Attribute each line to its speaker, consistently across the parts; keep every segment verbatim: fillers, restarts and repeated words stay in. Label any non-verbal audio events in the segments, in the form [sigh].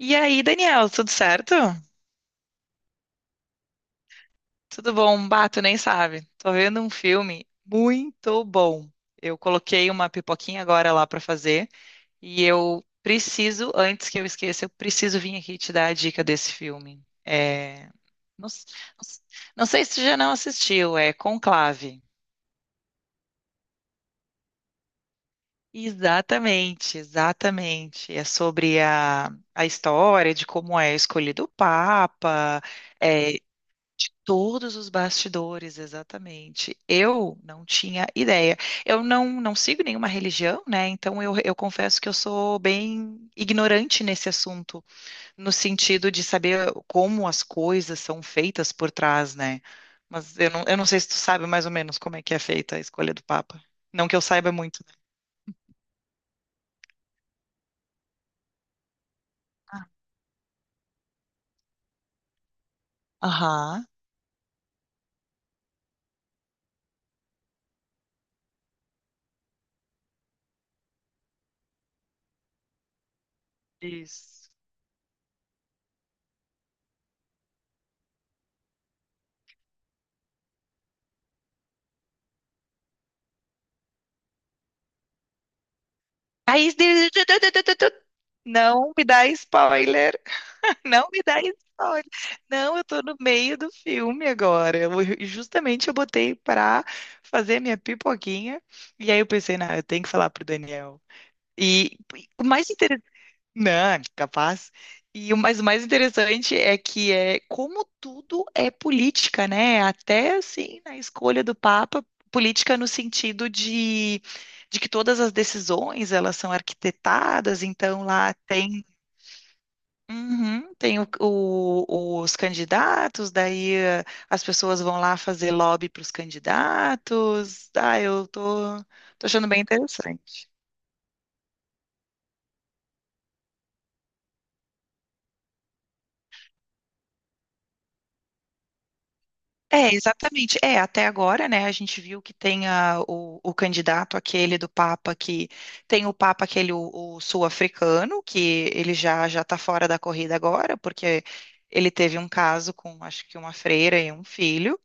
Speaker 1: E aí, Daniel, tudo certo? Tudo bom? Um Bato, nem sabe. Tô vendo um filme muito bom. Eu coloquei uma pipoquinha agora lá pra fazer e eu preciso, antes que eu esqueça, eu preciso vir aqui te dar a dica desse filme. É. Não, s- não s- não sei se tu já não assistiu, é Conclave. Exatamente, exatamente. É sobre a, a história de como é escolhido o Papa. É. De todos os bastidores, exatamente. Eu não tinha ideia. Eu não, não sigo nenhuma religião, né? Então eu, eu confesso que eu sou bem ignorante nesse assunto, no sentido de saber como as coisas são feitas por trás, né? Mas eu não, eu não sei se tu sabe mais ou menos como é que é feita a escolha do Papa. Não que eu saiba muito, né? Ah. Aham. Isso. Aí, [laughs] de- de- de- de- de- de- de- não me dá spoiler. Não me dá spoiler. Não, eu tô no meio do filme agora. Eu- eu- justamente eu botei pra fazer minha pipoquinha. E aí eu pensei, não, eu tenho que falar pro Daniel. E e o mais interessante. Não, capaz. E o mais, o mais interessante é que é como tudo é política, né? Até assim, na escolha do Papa, política no sentido de, de, que todas as decisões, elas são arquitetadas, então lá tem. Uhum. Tem o- o- os candidatos, daí eh, as pessoas vão lá fazer lobby para os candidatos. Ah, eu tô, tô achando bem interessante. É, exatamente. É, até agora, né, a gente viu que tem a- o, o candidato aquele do Papa que tem o Papa aquele o, o sul-africano, que ele já já tá fora da corrida agora, porque ele teve um caso com acho que uma freira e um filho.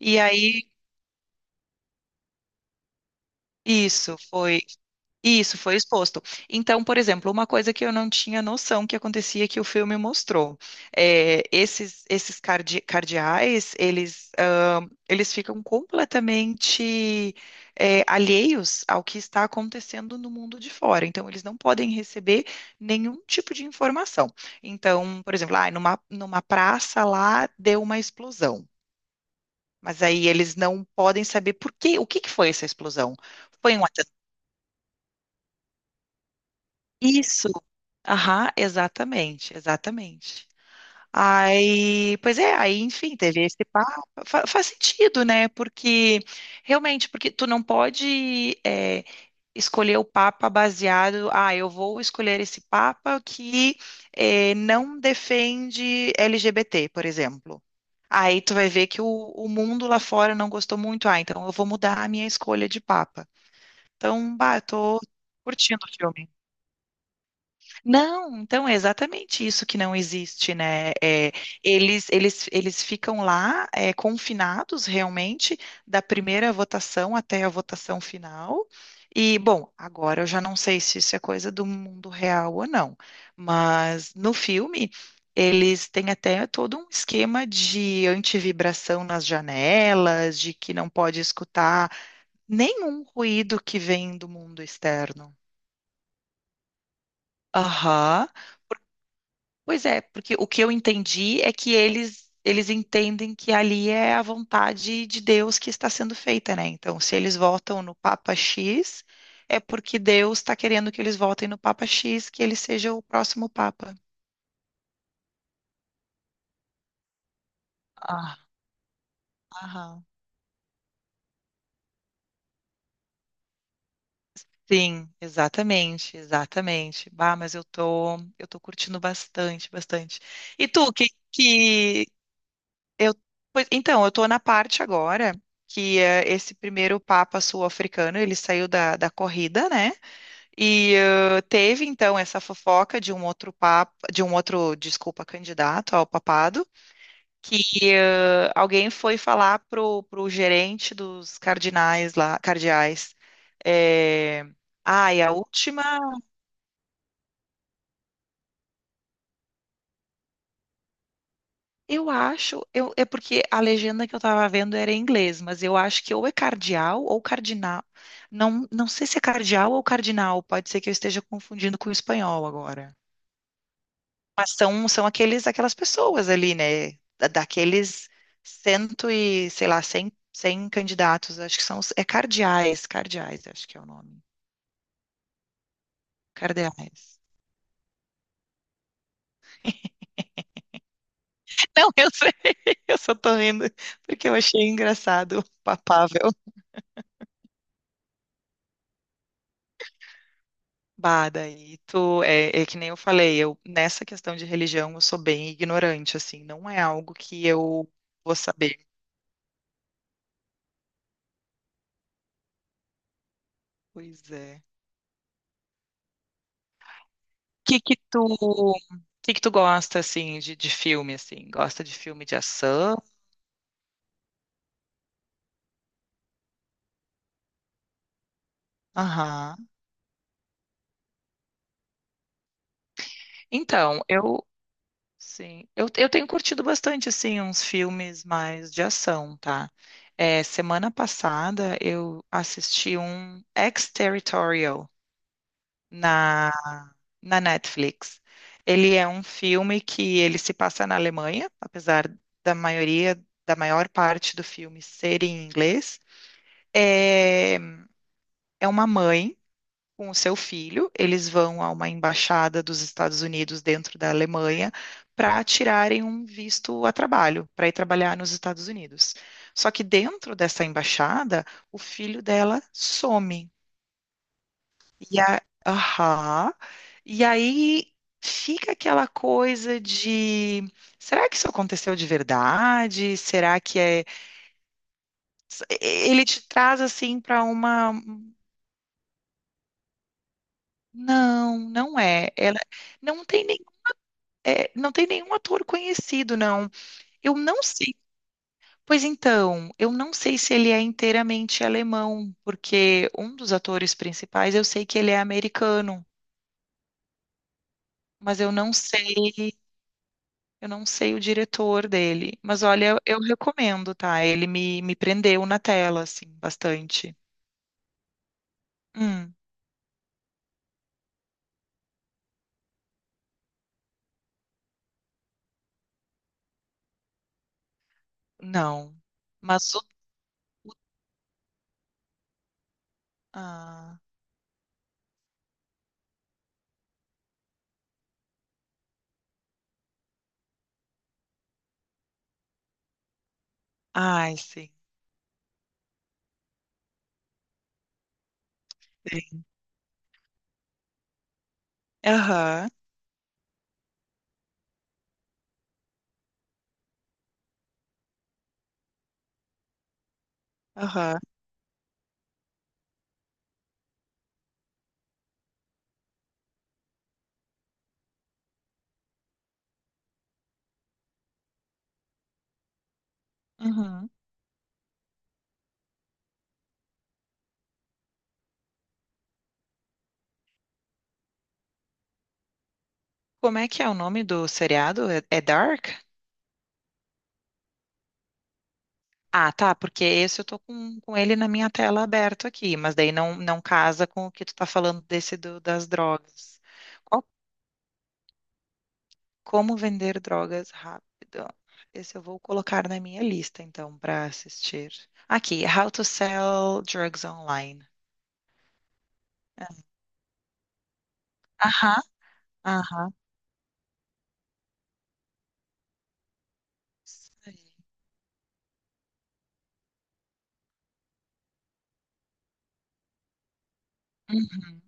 Speaker 1: E aí isso foi Isso foi exposto. Então, por exemplo, uma coisa que eu não tinha noção que acontecia, que o filme mostrou, é, esses esses cardi- cardeais, eles ah, eles ficam completamente, é, alheios ao que está acontecendo no mundo de fora. Então, eles não podem receber nenhum tipo de informação. Então, por exemplo, ah, numa numa praça lá deu uma explosão, mas aí eles não podem saber por quê, o que que foi essa explosão? Foi um atentado? Aham, exatamente, exatamente. Aí, pois é, aí, enfim, teve esse papo. Fa- faz sentido, né? Porque realmente, porque tu não pode, é, escolher o papa baseado, ah, eu vou escolher esse papa que, é, não defende L G B T, por exemplo. Aí tu vai ver que o, o mundo lá fora não gostou muito, ah, então eu vou mudar a minha escolha de papa. Então, bah, tô curtindo o filme. Não, então é exatamente isso que não existe, né? É, eles, eles, eles ficam lá, é, confinados realmente da primeira votação até a votação final. E, bom, agora eu já não sei se isso é coisa do mundo real ou não, mas no filme eles têm até todo um esquema de antivibração nas janelas, de que não pode escutar nenhum ruído que vem do mundo externo. Aham. Pois é, porque o que eu entendi é que eles eles entendem que ali é a vontade de Deus que está sendo feita, né? Então, se eles votam no Papa X, é porque Deus está querendo que eles votem no Papa X, que ele seja o próximo Papa. Ah, aham. Sim, exatamente, exatamente. Bah, mas eu tô, eu tô curtindo bastante, bastante. E tu? que, que Eu, pois- então, eu estou na parte agora que eh, esse primeiro Papa sul-africano, ele saiu da, da corrida, né? E eh, teve, então, essa fofoca de um outro papa, de um outro, desculpa, candidato ao papado, que eh, alguém foi falar pro, pro gerente dos cardinais lá, cardeais, eh, ai, a última Eu acho, eu, é porque a legenda que eu tava vendo era em inglês, mas eu acho que ou é cardeal ou cardinal. Não, não sei se é cardeal ou cardinal, pode ser que eu esteja confundindo com o espanhol agora. Mas são, são aqueles, aquelas pessoas ali, né? Da- Daqueles cento e, sei lá, cem, cem candidatos, acho que são, os- é cardeais, cardeais, acho que é o nome. Cardeais. [laughs] Não, eu sei, eu só tô rindo porque eu achei engraçado, papável. Bah, daí tu, é, é que nem eu falei, eu, nessa questão de religião, eu sou bem ignorante, assim, não é algo que eu vou saber. Pois é. Que que tu, que que tu gosta, assim, de, de filme, assim? Gosta de filme de ação? Aham. Então, eu, sim, eu, eu tenho curtido bastante, assim, uns filmes mais de ação, tá? É, semana passada eu assisti um Ex-Territorial na na Netflix. Ele é um filme que ele se passa na Alemanha, apesar da maioria, da maior parte do filme ser em inglês. É, é uma mãe com o seu filho, eles vão a uma embaixada dos Estados Unidos dentro da Alemanha para tirarem um visto a trabalho, para ir trabalhar nos Estados Unidos. Só que dentro dessa embaixada, o filho dela some. E a... Aham. E aí fica aquela coisa de, será que isso aconteceu de verdade? Será que é... Ele te traz assim para uma, não, não é. Ela não tem nem, é, não tem nenhum ator conhecido, não. Eu não sei. Pois então, eu não sei se ele é inteiramente alemão, porque um dos atores principais eu sei que ele é americano, mas eu não sei. Eu não sei o diretor dele, mas olha, eu, eu recomendo, tá? Ele me, me prendeu na tela, assim, bastante. Hum, não. Mas o. Ah, ai, sim. Sim. Aham, aham, uhum. Como é que é o nome do seriado? É, é Dark? Ah, tá, porque esse eu tô com, com ele na minha tela aberto aqui, mas daí não, não casa com o que tu tá falando desse do, das drogas. Como vender drogas rápido. Esse eu vou colocar na minha lista, então, para assistir. Aqui, How to Sell Drugs Online. Aham, aham. Sei. Uhum,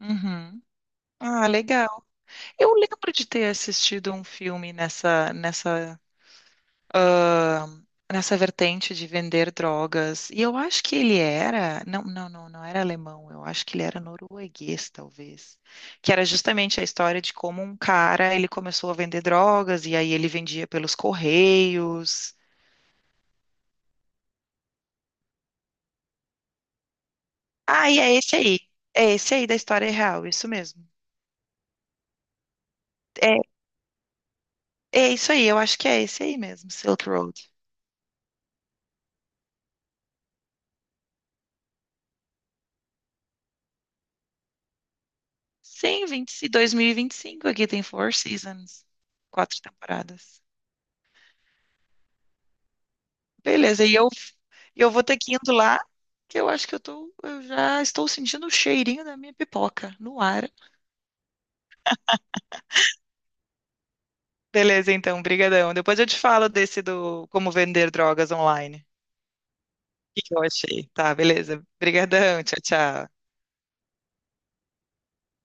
Speaker 1: uhum. Ah, legal. Eu lembro de ter assistido um filme nessa, nessa ah, nessa vertente de vender drogas. E eu acho que ele era, não, não, não, não era alemão, eu acho que ele era norueguês, talvez. Que era justamente a história de como um cara, ele começou a vender drogas e aí ele vendia pelos correios. Ah, e é esse aí. É esse aí da história real, isso mesmo. É, é isso aí, eu acho que é esse aí mesmo, Silk Road. Sim, vinte, e dois mil e vinte e cinco aqui tem Four Seasons, quatro temporadas. Beleza, e eu E eu vou ter que ir indo lá, que eu acho que eu tô, eu já estou sentindo o cheirinho da minha pipoca no ar. Beleza, então, brigadão. Depois eu te falo desse do como vender drogas online. O que que eu achei? Tá, beleza. Brigadão, tchau, tchau.